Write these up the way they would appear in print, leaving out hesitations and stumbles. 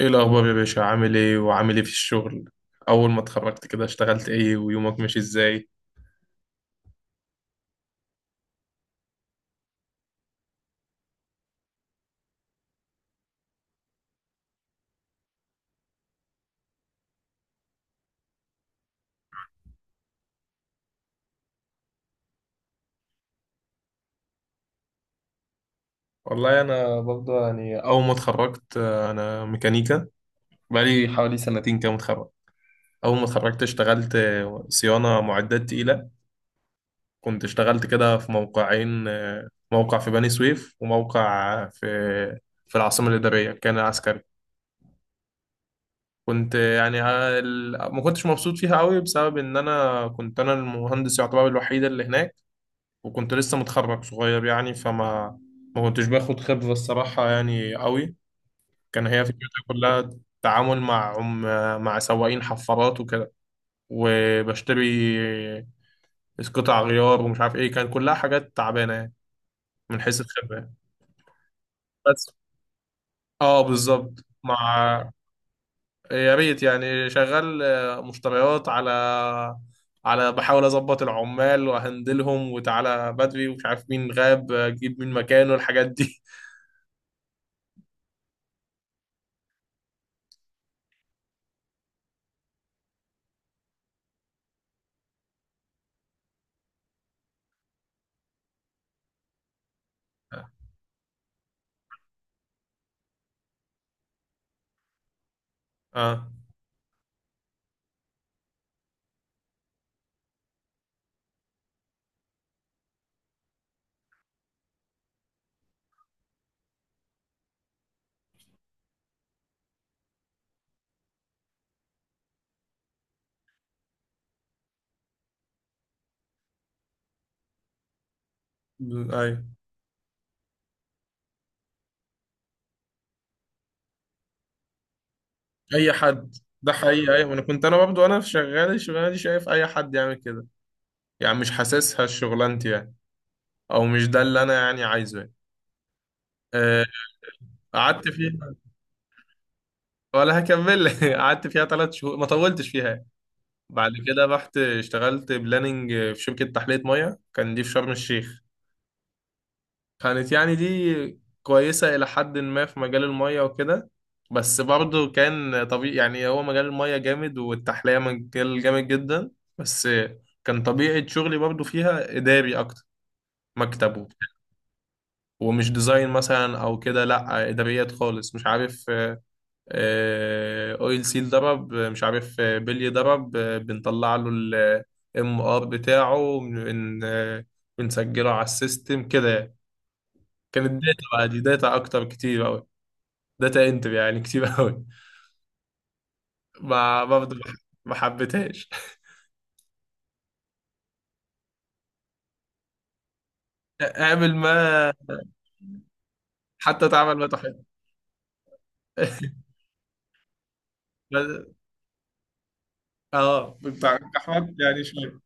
ايه الاخبار يا باشا، عامل ايه وعامل ايه في الشغل؟ اول ما اتخرجت كده اشتغلت ايه ويومك ماشي ازاي؟ والله انا برضه يعني اول ما اتخرجت، انا ميكانيكا. بقالي حوالي سنتين كده متخرج. اول ما اتخرجت اشتغلت صيانة معدات تقيلة. كنت اشتغلت كده في موقعين، موقع في بني سويف وموقع في العاصمة الإدارية، كان عسكري. كنت يعني ما كنتش مبسوط فيها قوي بسبب ان انا كنت انا المهندس يعتبر الوحيد اللي هناك، وكنت لسه متخرج صغير يعني فما ما كنتش باخد خبرة الصراحة يعني قوي. كان هي فكرتها كلها تعامل مع عم، مع سواقين حفارات وكده، وبشتري قطع غيار ومش عارف ايه، كان كلها حاجات تعبانة يعني من حيث الخبرة يعني. بس اه بالظبط. مع، يا ريت يعني شغال مشتريات، على بحاول اظبط العمال واهندلهم وتعالى بدري ومش عارف مين غاب اجيب مين مكانه الحاجات دي. اه، ايوه. اي حد، ده حقيقي. ايوه انا كنت انا برضه وانا شغال الشغلانه دي شايف اي حد يعمل كده، يعني مش حاسسها شغلانتي يعني، او مش ده اللي انا يعني عايزه يعني. آه، قعدت فيها، ولا هكمل. قعدت فيها 3 شهور، ما طولتش فيها. بعد كده رحت اشتغلت بلاننج في شركه تحليه ميه، كان دي في شرم الشيخ. كانت يعني دي كويسة إلى حد ما في مجال المية وكده. بس برضه كان طبيعي يعني، هو مجال المية جامد والتحلية مجال جامد جدا، بس كان طبيعة شغلي برضه فيها إداري أكتر، مكتب وبتاع. ومش ديزاين مثلا أو كده، لأ إداريات خالص مش عارف، أويل سيل ضرب، مش عارف بلي ضرب، بنطلع له ال MR بتاعه، بنسجله على السيستم كده يعني. كانت داتا بقى، دي داتا أكتر كتير أوي. داتا انتر يعني كتير قوي. ما برضه ما حبيتهاش. اعمل ما، حتى تعمل ما تحب. بس- اه بتاع احمد يعني شويه.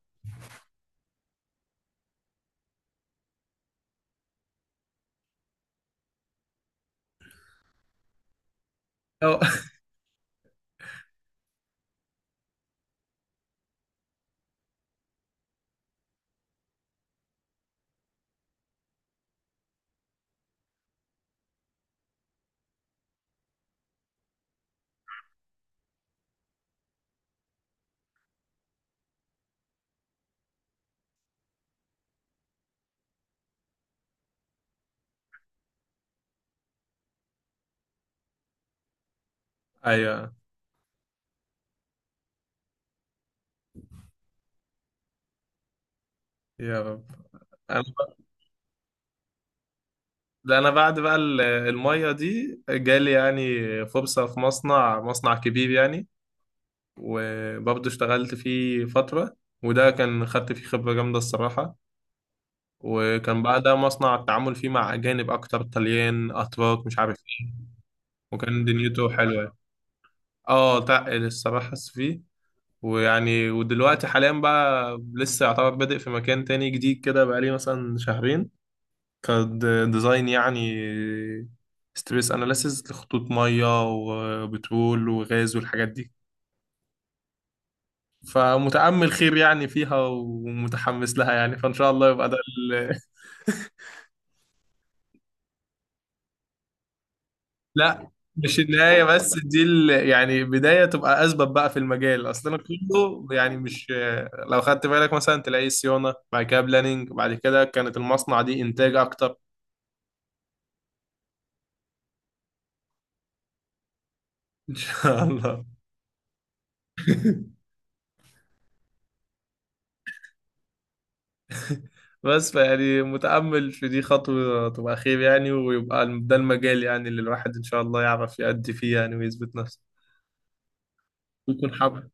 اه، ايوه، يا رب. انا، ده انا بعد بقى الميه دي جالي يعني فرصه في مصنع، مصنع كبير يعني، وبرضه اشتغلت فيه فتره. وده كان خدت فيه خبره جامده الصراحه. وكان بعدها مصنع التعامل فيه مع اجانب اكتر، طليان اتراك مش عارف ايه. وكان دنيته حلوه، اه تقل الصراحة فيه. ويعني ودلوقتي حاليا بقى لسه يعتبر بادئ في مكان تاني جديد كده، بقالي مثلا شهرين، كديزاين يعني، ستريس اناليسيز لخطوط مية وبترول وغاز والحاجات دي. فمتأمل خير يعني فيها ومتحمس لها يعني، فإن شاء الله يبقى ده. لا، مش النهاية، بس دي يعني بداية تبقى أسبب بقى في المجال، أصل أنا كله يعني مش. لو خدت بالك مثلا تلاقي صيانة بعد كده بلاننج بعد كده كانت المصنع دي إنتاج أكتر. إن شاء الله. بس فيعني متأمل في دي خطوة تبقى خير يعني، ويبقى ده المجال يعني اللي الواحد إن شاء الله يعرف يأدي فيه يعني ويثبت نفسه ويكون حابب.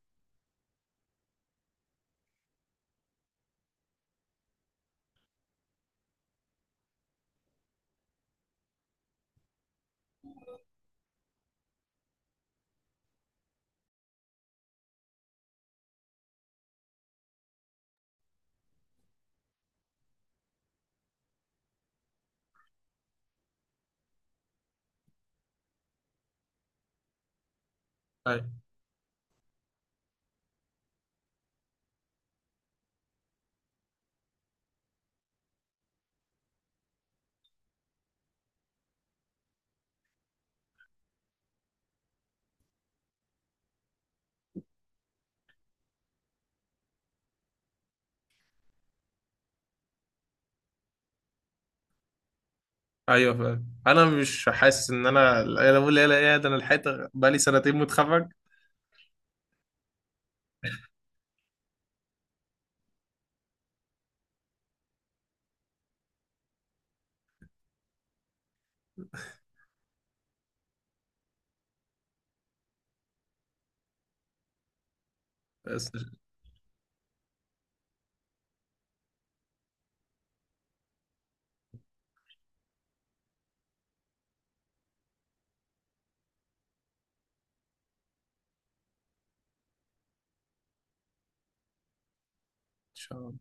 أيوة. أيوة فعلا، أنا مش حاسس إن أنا بقول لا لا إيه ده، أنا لحقت، بقالي سنتين متخرج. بس إن شاء الله.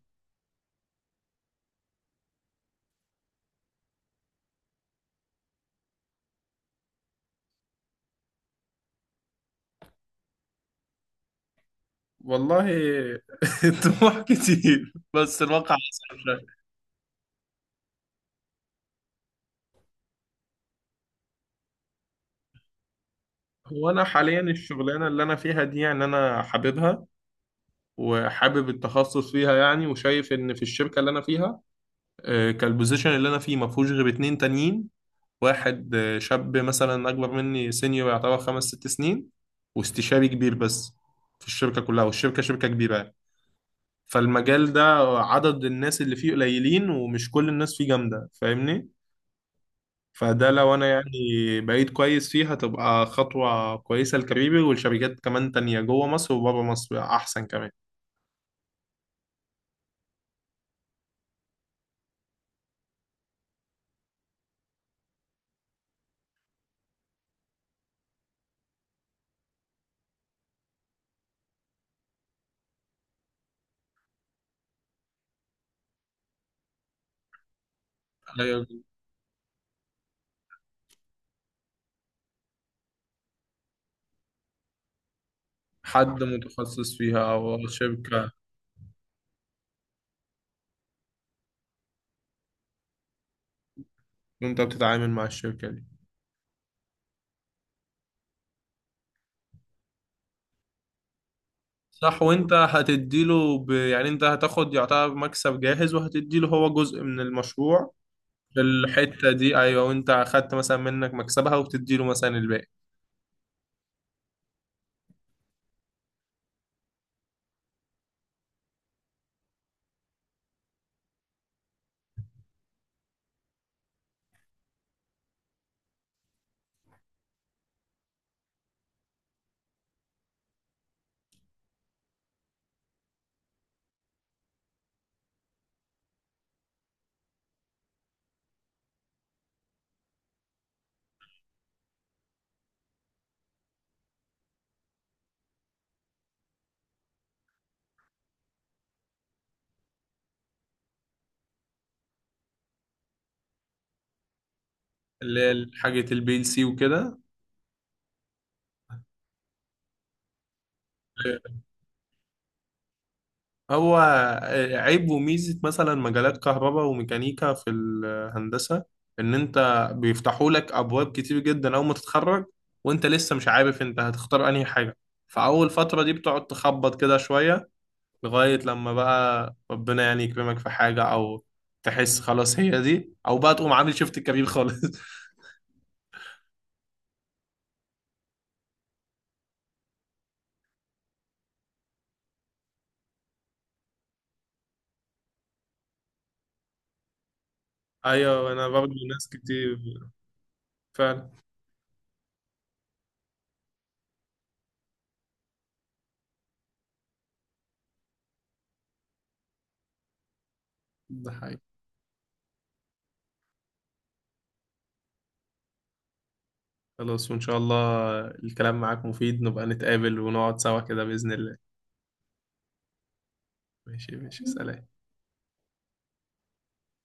والله الطموح كتير بس الواقع أصعب شوية. هو أنا حاليا الشغلانة اللي أنا فيها دي يعني أنا حاببها، وحابب التخصص فيها يعني، وشايف إن في الشركة اللي أنا فيها كالبوزيشن اللي أنا فيه ما فيهوش غير اتنين تانيين. واحد شاب مثلا أكبر مني سينيور يعتبر 5 أو 6 سنين، واستشاري كبير، بس في الشركة كلها، والشركة شركة كبيرة يعني. فالمجال ده عدد الناس اللي فيه قليلين ومش كل الناس فيه جامدة، فاهمني؟ فده لو انا يعني بقيت كويس فيه هتبقى خطوة كويسة لكاريري، والشركات كمان تانية جوه مصر وبره مصر احسن كمان. أيوة، حد متخصص فيها او شركة. وانت بتتعامل مع الشركة دي. صح. وانت هتديله يعني انت هتاخد يعتبر مكسب جاهز وهتديله هو جزء من المشروع. في الحتة دي ايوه، وانت اخدت مثلا منك مكسبها وبتديله مثلا الباقي. اللي هي حاجة الـ PLC وكده. هو عيب وميزة مثلا مجالات كهرباء وميكانيكا في الهندسة إن أنت بيفتحوا لك أبواب كتير جدا أول ما تتخرج، وأنت لسه مش عارف أنت هتختار أنهي حاجة، فأول فترة دي بتقعد تخبط كده شوية، لغاية لما بقى ربنا يعني يكرمك في حاجة، أو تحس خلاص هي دي، أو بقى تقوم عامل شيفت كبير خالص. أيوة أنا برضه ناس كتير. فعلا. ده حقيقي. خلاص وإن شاء الله، الكلام معاك مفيد، نبقى نتقابل ونقعد سوا كده بإذن الله. ماشي ماشي، سلام.